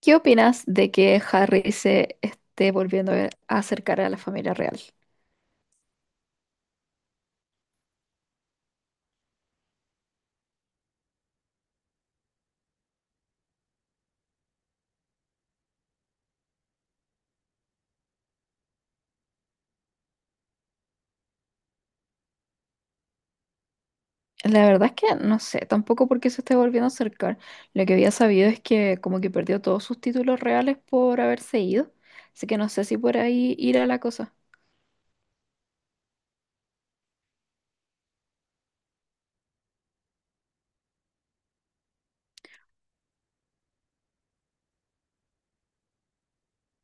¿Qué opinas de que Harry se esté volviendo a acercar a la familia real? La verdad es que no sé tampoco por qué se esté volviendo a acercar. Lo que había sabido es que como que perdió todos sus títulos reales por haberse ido. Así que no sé si por ahí irá la cosa.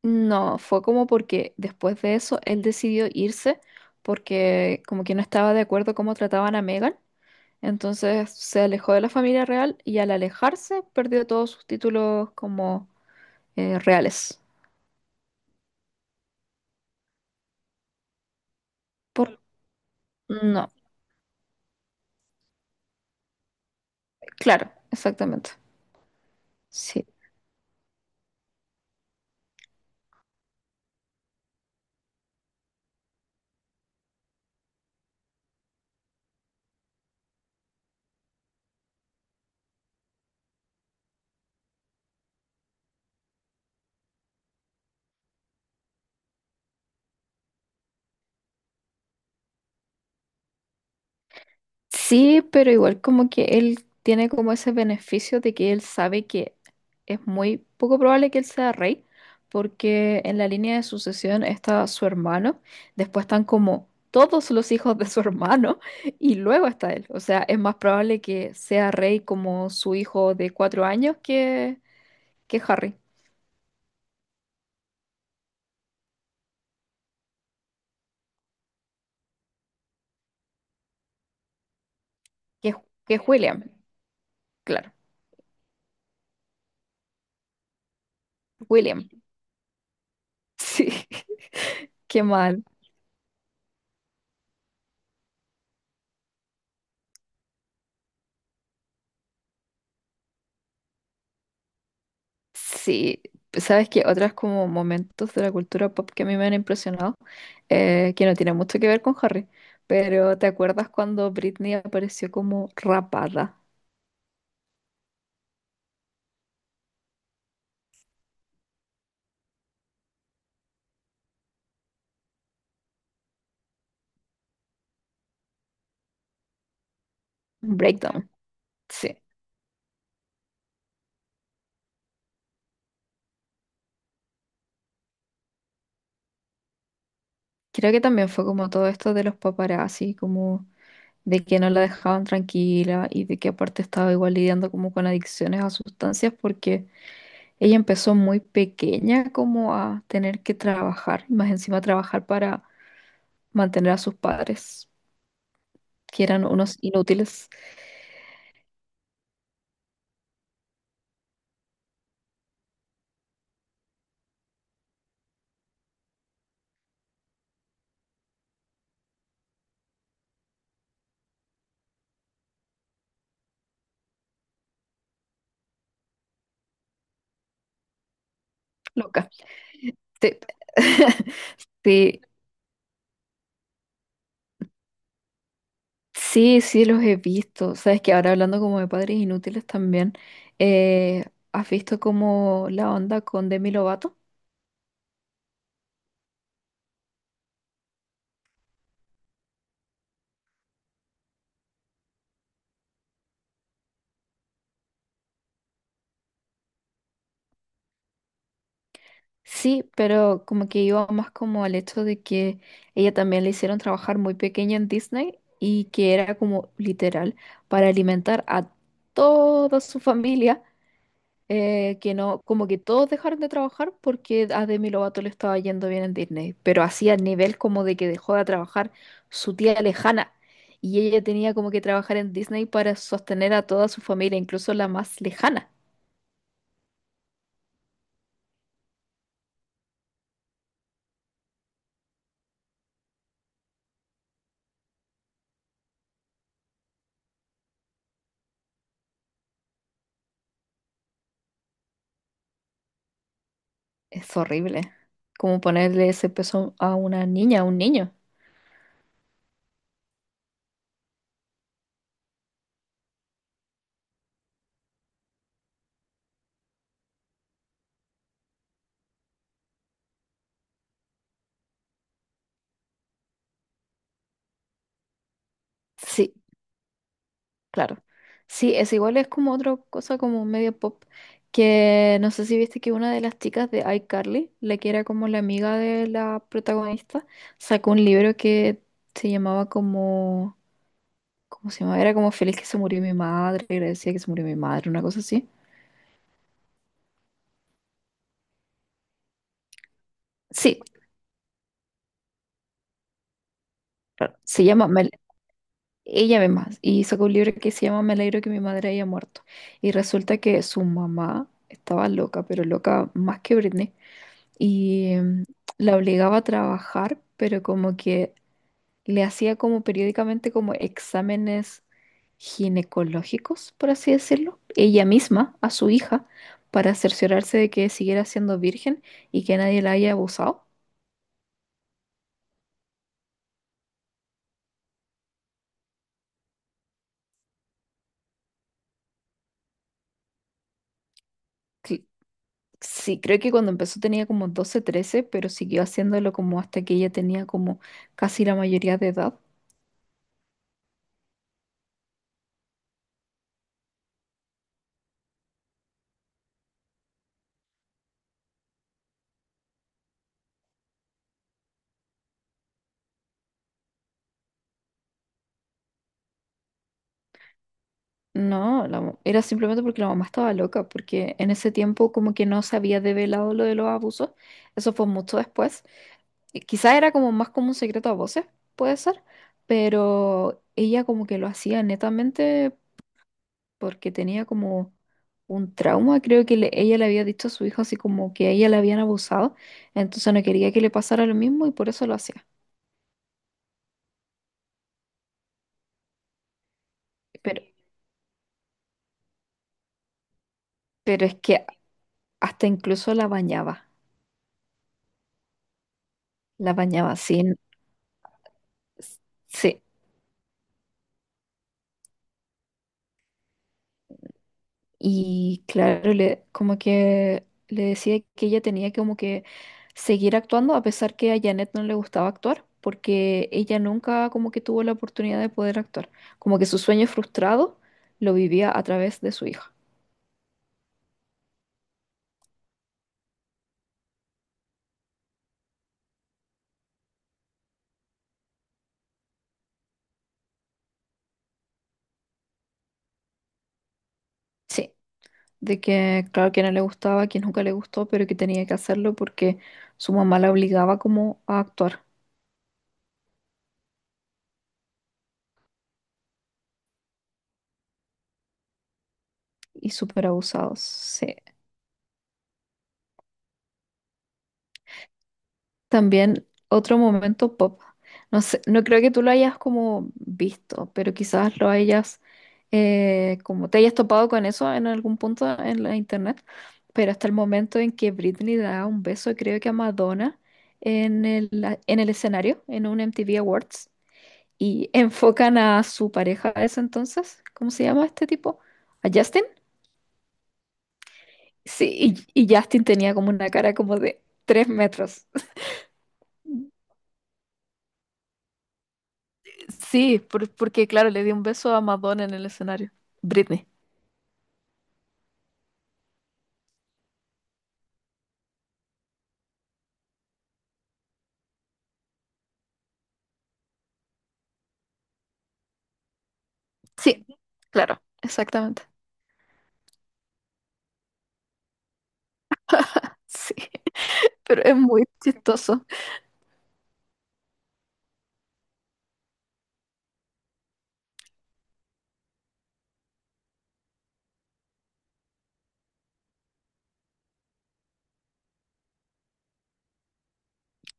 No, fue como porque después de eso él decidió irse porque como que no estaba de acuerdo cómo trataban a Meghan. Entonces se alejó de la familia real y al alejarse perdió todos sus títulos como reales. ¿Por No, claro, exactamente. Sí. Sí, pero igual como que él tiene como ese beneficio de que él sabe que es muy poco probable que él sea rey, porque en la línea de sucesión está su hermano, después están como todos los hijos de su hermano y luego está él. O sea, es más probable que sea rey como su hijo de 4 años que Harry, que, que William, claro, William. Sí, qué mal. Sí, sabes que otras como momentos de la cultura pop que a mí me han impresionado, que no tienen mucho que ver con Harry, pero ¿te acuerdas cuando Britney apareció como rapada? Un Breakdown. Sí. Creo que también fue como todo esto de los paparazzi, como de que no la dejaban tranquila y de que aparte estaba igual lidiando como con adicciones a sustancias porque ella empezó muy pequeña como a tener que trabajar, y más encima trabajar para mantener a sus padres. Que eran unos inútiles, loca. Sí, sí, sí, sí los he visto. Sabes que ahora hablando como de padres inútiles también, eh, ¿has visto como la onda con Demi Lovato? Sí, pero como que iba más como al hecho de que ella también le hicieron trabajar muy pequeña en Disney y que era como literal para alimentar a toda su familia que no, como que todos dejaron de trabajar porque a Demi Lovato le estaba yendo bien en Disney, pero así a nivel como de que dejó de trabajar su tía lejana y ella tenía como que trabajar en Disney para sostener a toda su familia, incluso la más lejana. Es horrible, como ponerle ese peso a una niña, a un niño. Sí, claro. Sí, es igual, es como otra cosa como medio pop, que no sé si viste que una de las chicas de iCarly, la que era como la amiga de la protagonista, sacó un libro que se llamaba como, ¿cómo se llamaba? Era como Feliz que se murió mi madre, agradecida que se murió mi madre, una cosa así. Sí, se llama, ella misma, y sacó un libro que se llama Me alegro que mi madre haya muerto. Y resulta que su mamá estaba loca, pero loca más que Britney y la obligaba a trabajar, pero como que le hacía como periódicamente como exámenes ginecológicos, por así decirlo, ella misma, a su hija, para cerciorarse de que siguiera siendo virgen y que nadie la haya abusado. Cl- Sí, creo que cuando empezó tenía como 12 13 pero siguió haciéndolo como hasta que ella tenía como casi la mayoría de edad. No, era simplemente porque la mamá estaba loca, porque en ese tiempo como que no se había develado lo de los abusos, eso fue mucho después. Y quizá era como más como un secreto a voces, puede ser, pero ella como que lo hacía netamente porque tenía como un trauma, creo que ella le había dicho a su hijo así como que a ella le habían abusado, entonces no quería que le pasara lo mismo y por eso lo hacía. Pero, pero es que hasta incluso la bañaba sin... Sí, y claro, como que le decía que ella tenía que como que seguir actuando a pesar que a Janet no le gustaba actuar, porque ella nunca como que tuvo la oportunidad de poder actuar. Como que su sueño frustrado lo vivía a través de su hija. Sí, de que claro que no le gustaba, que nunca le gustó, pero que tenía que hacerlo porque su mamá la obligaba como a actuar y súper abusados. Sí. También otro momento pop. No sé, no creo que tú lo hayas como visto, pero quizás lo hayas como te hayas topado con eso en algún punto en la internet. Pero hasta el momento en que Britney da un beso, creo que a Madonna en el, en el escenario, en un MTV Awards, y enfocan a su pareja de ese entonces. ¿Cómo se llama este tipo? ¿A Justin? Sí, y Justin tenía como una cara como de 3 metros. Sí, porque claro, le di un beso a Madonna en el escenario. Britney. Sí, claro, exactamente. Sí, pero es muy chistoso.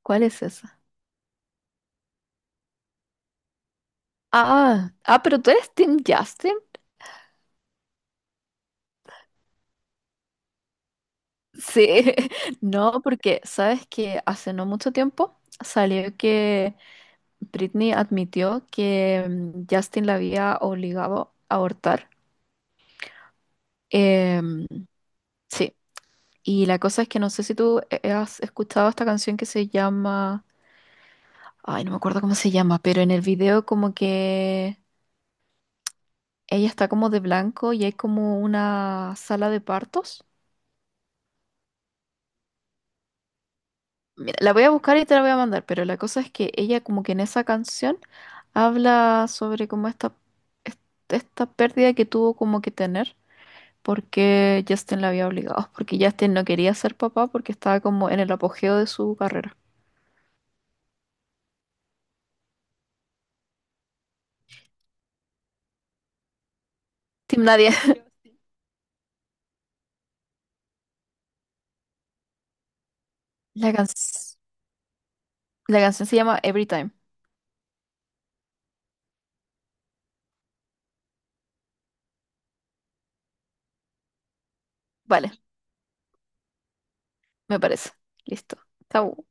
¿Cuál es esa? Ah, ah, pero tú eres Team Justin. Sí, no, porque sabes que hace no mucho tiempo salió que Britney admitió que Justin la había obligado a abortar. Em, sí, y la cosa es que no sé si tú has escuchado esta canción que se llama Ay, no me acuerdo cómo se llama, pero en el video como que ella está como de blanco y hay como una sala de partos. Mira, la voy a buscar y te la voy a mandar, pero la cosa es que ella como que en esa canción habla sobre como esta, est- esta pérdida que tuvo como que tener porque Justin la había obligado, porque Justin no quería ser papá porque estaba como en el apogeo de su carrera. Team Nadie. La canc- la canción se llama Every Time. Vale, me parece. Listo. Chau.